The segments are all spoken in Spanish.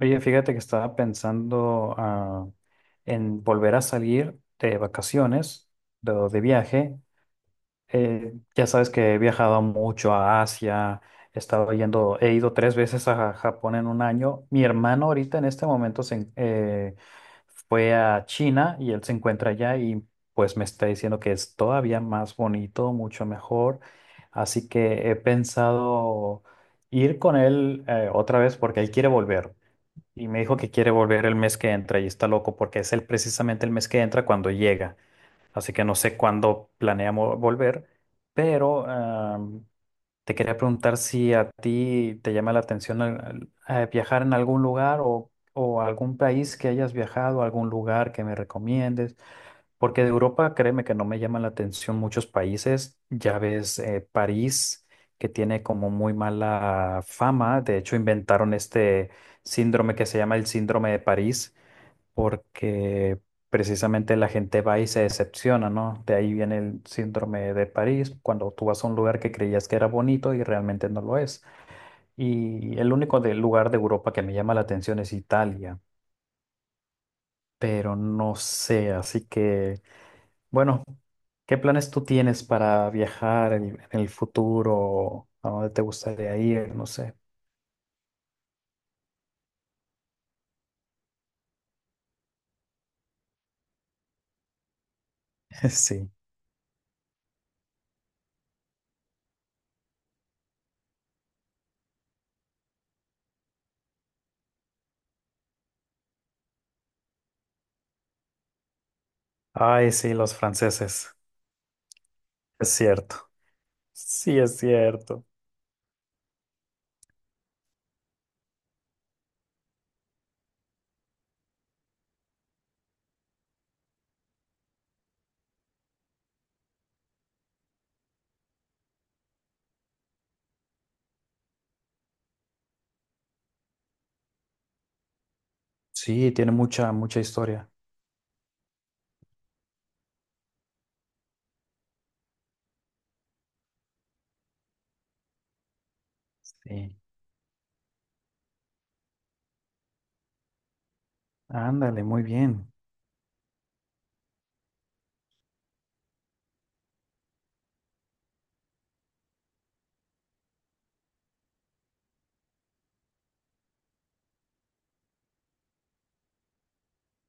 Oye, fíjate que estaba pensando en volver a salir de vacaciones, de viaje. Ya sabes que he viajado mucho a Asia, he estado yendo, he ido tres veces a Japón en un año. Mi hermano ahorita en este momento fue a China y él se encuentra allá y pues me está diciendo que es todavía más bonito, mucho mejor. Así que he pensado ir con él otra vez porque él quiere volver. Y me dijo que quiere volver el mes que entra y está loco porque precisamente el mes que entra cuando llega. Así que no sé cuándo planeamos volver, pero te quería preguntar si a ti te llama la atención viajar en algún lugar o algún país que hayas viajado, algún lugar que me recomiendes. Porque de Europa, créeme que no me llaman la atención muchos países. Ya ves, París, que tiene como muy mala fama. De hecho, inventaron este síndrome que se llama el síndrome de París, porque precisamente la gente va y se decepciona, ¿no? De ahí viene el síndrome de París, cuando tú vas a un lugar que creías que era bonito y realmente no lo es. Y el único lugar de Europa que me llama la atención es Italia, pero no sé, así que. Bueno, ¿qué planes tú tienes para viajar en el futuro? ¿A dónde te gustaría ir? No sé. Sí. Ay, sí, los franceses. Es cierto. Sí, es cierto. Sí, tiene mucha, mucha historia. Sí. Ándale, muy bien.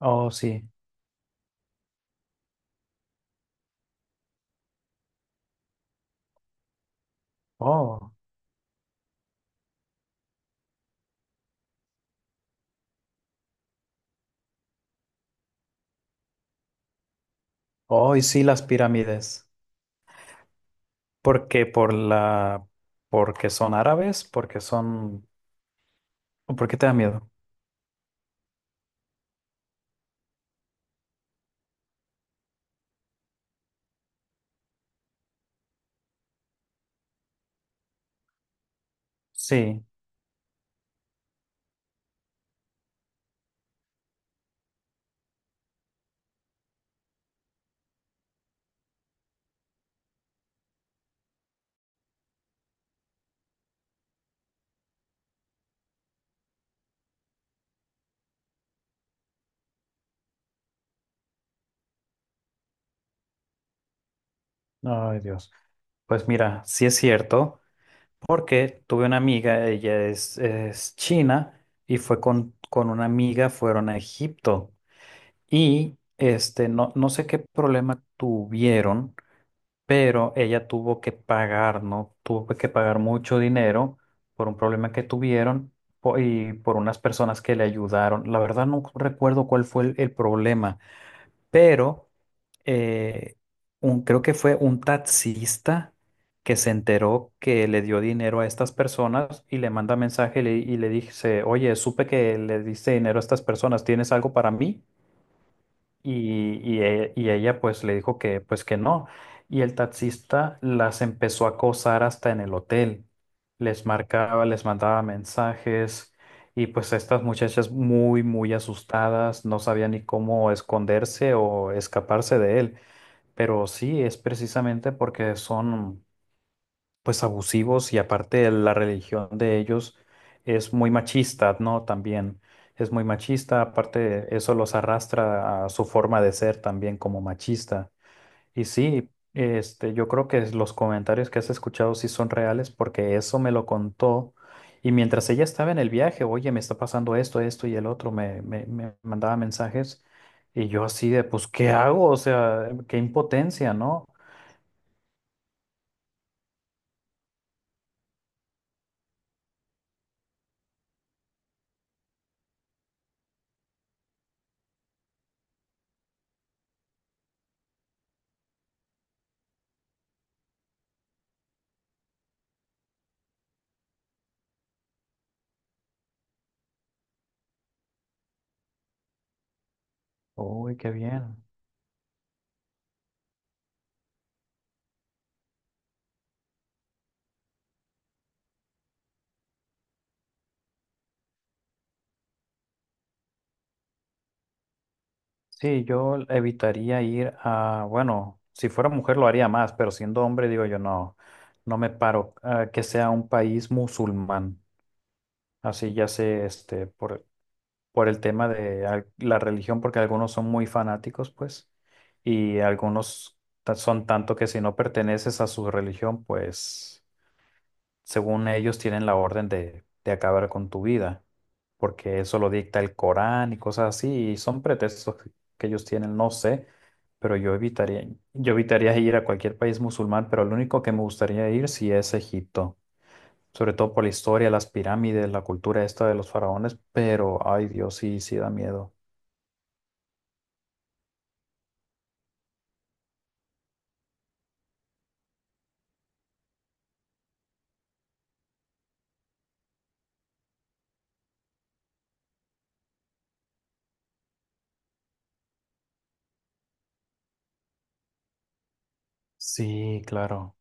Oh, sí. Oh, oh, y sí, las pirámides. ¿Por qué? Porque son árabes, o ¿por qué te da miedo? Sí. Ay, Dios. Pues mira, sí es cierto. Porque tuve una amiga, ella es china, y fue con una amiga, fueron a Egipto. Y este, no, no sé qué problema tuvieron, pero ella tuvo que pagar, ¿no? Tuvo que pagar mucho dinero por un problema que tuvieron y por unas personas que le ayudaron. La verdad no recuerdo cuál fue el problema, pero eh, creo que fue un taxista que se enteró que le dio dinero a estas personas y le manda mensaje y le dice, oye, supe que le diste dinero a estas personas, ¿tienes algo para mí? Y ella pues le dijo que pues que no. Y el taxista las empezó a acosar hasta en el hotel. Les marcaba, les mandaba mensajes y pues estas muchachas muy, muy asustadas, no sabían ni cómo esconderse o escaparse de él. Pero sí, es precisamente porque son pues abusivos y aparte la religión de ellos es muy machista, ¿no? También es muy machista, aparte eso los arrastra a su forma de ser también como machista. Y sí, este, yo creo que los comentarios que has escuchado sí son reales porque eso me lo contó. Y mientras ella estaba en el viaje, oye, me está pasando esto, esto y el otro, me mandaba mensajes y yo así de, pues, ¿qué hago? O sea, qué impotencia, ¿no? Uy, qué bien. Sí, yo evitaría ir a, bueno, si fuera mujer lo haría más, pero siendo hombre digo yo no, no me paro que sea un país musulmán, así ya sé, este, por el tema de la religión, porque algunos son muy fanáticos, pues, y algunos son tanto que si no perteneces a su religión, pues según ellos, tienen la orden de acabar con tu vida, porque eso lo dicta el Corán y cosas así, y son pretextos que ellos tienen, no sé, pero yo evitaría ir a cualquier país musulmán, pero lo único que me gustaría ir sí es Egipto, sobre todo por la historia, las pirámides, la cultura esta de los faraones, pero ay Dios, sí, sí da miedo. Sí, claro.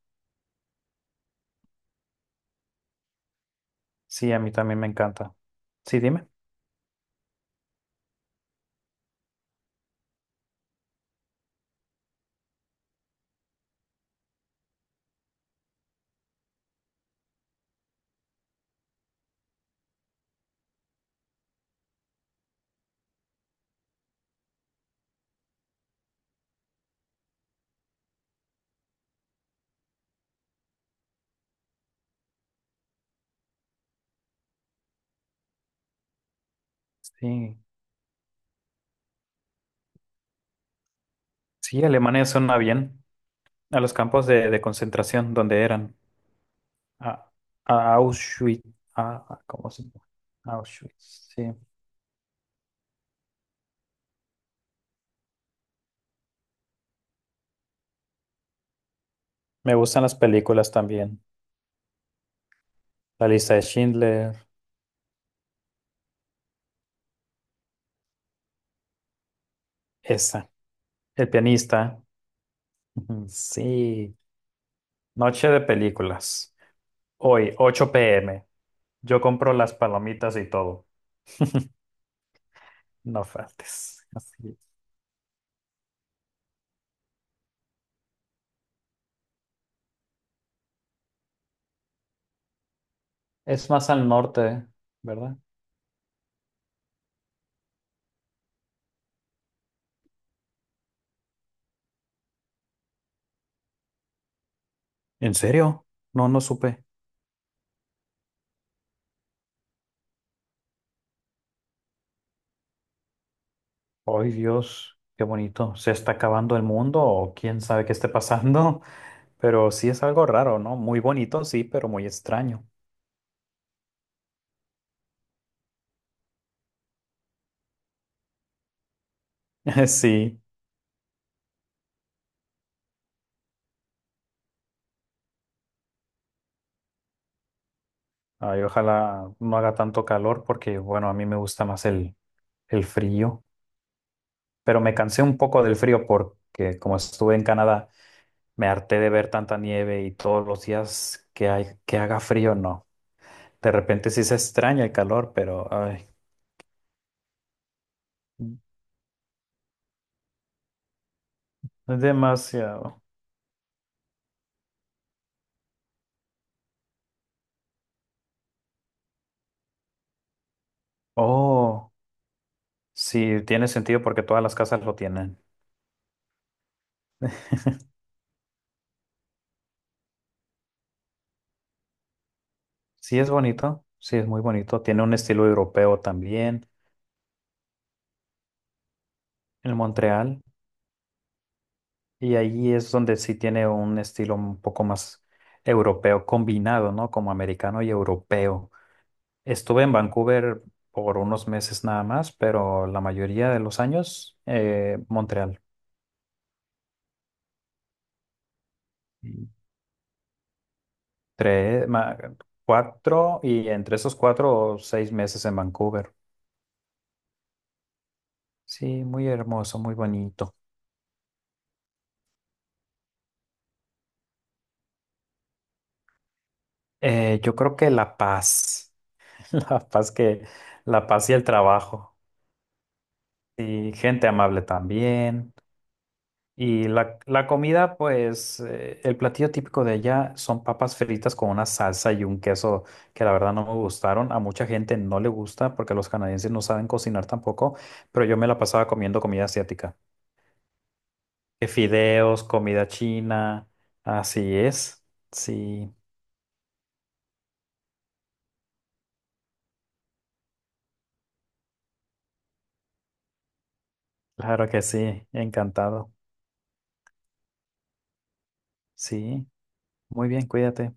Sí, a mí también me encanta. Sí, dime. Sí. Sí, Alemania suena bien, a los campos de concentración donde eran. A, a Auschwitz. ¿Cómo se llama? Auschwitz, sí. Me gustan las películas también. La lista de Schindler, esa. El pianista. Ujú, sí. Noche de películas. Hoy, ocho p m. Yo compro las palomitas y todo. No faltes. Así es. Es más al norte, ¿verdad? ¿En serio? No, no supe. Ay, Dios, qué bonito. ¿Se está acabando el mundo o quién sabe qué esté pasando? Pero sí es algo raro, ¿no? Muy bonito, sí, pero muy extraño. Sí. Ay, ojalá no haga tanto calor porque, bueno, a mí me gusta más el frío. Pero me cansé un poco del frío porque como estuve en Canadá, me harté de ver tanta nieve y todos los días que hay, que haga frío, no. De repente sí se extraña el calor, pero ay, es demasiado. Oh, sí, tiene sentido porque todas las casas lo tienen. Sí es bonito, sí es muy bonito. Tiene un estilo europeo también. En Montreal, y ahí es donde sí tiene un estilo un poco más europeo combinado, ¿no? Como americano y europeo. Estuve en Vancouver por unos meses nada más, pero la mayoría de los años, Montreal. Tres, cuatro, y entre esos cuatro, o seis meses en Vancouver. Sí, muy hermoso, muy bonito. Yo creo que la paz, la paz que, la paz y el trabajo. Y gente amable también. Y la comida, pues el platillo típico de allá son papas fritas con una salsa y un queso que la verdad no me gustaron. A mucha gente no le gusta porque los canadienses no saben cocinar tampoco, pero yo me la pasaba comiendo comida asiática. Fideos, comida china, así es. Sí, claro que sí, encantado. Sí, muy bien, cuídate.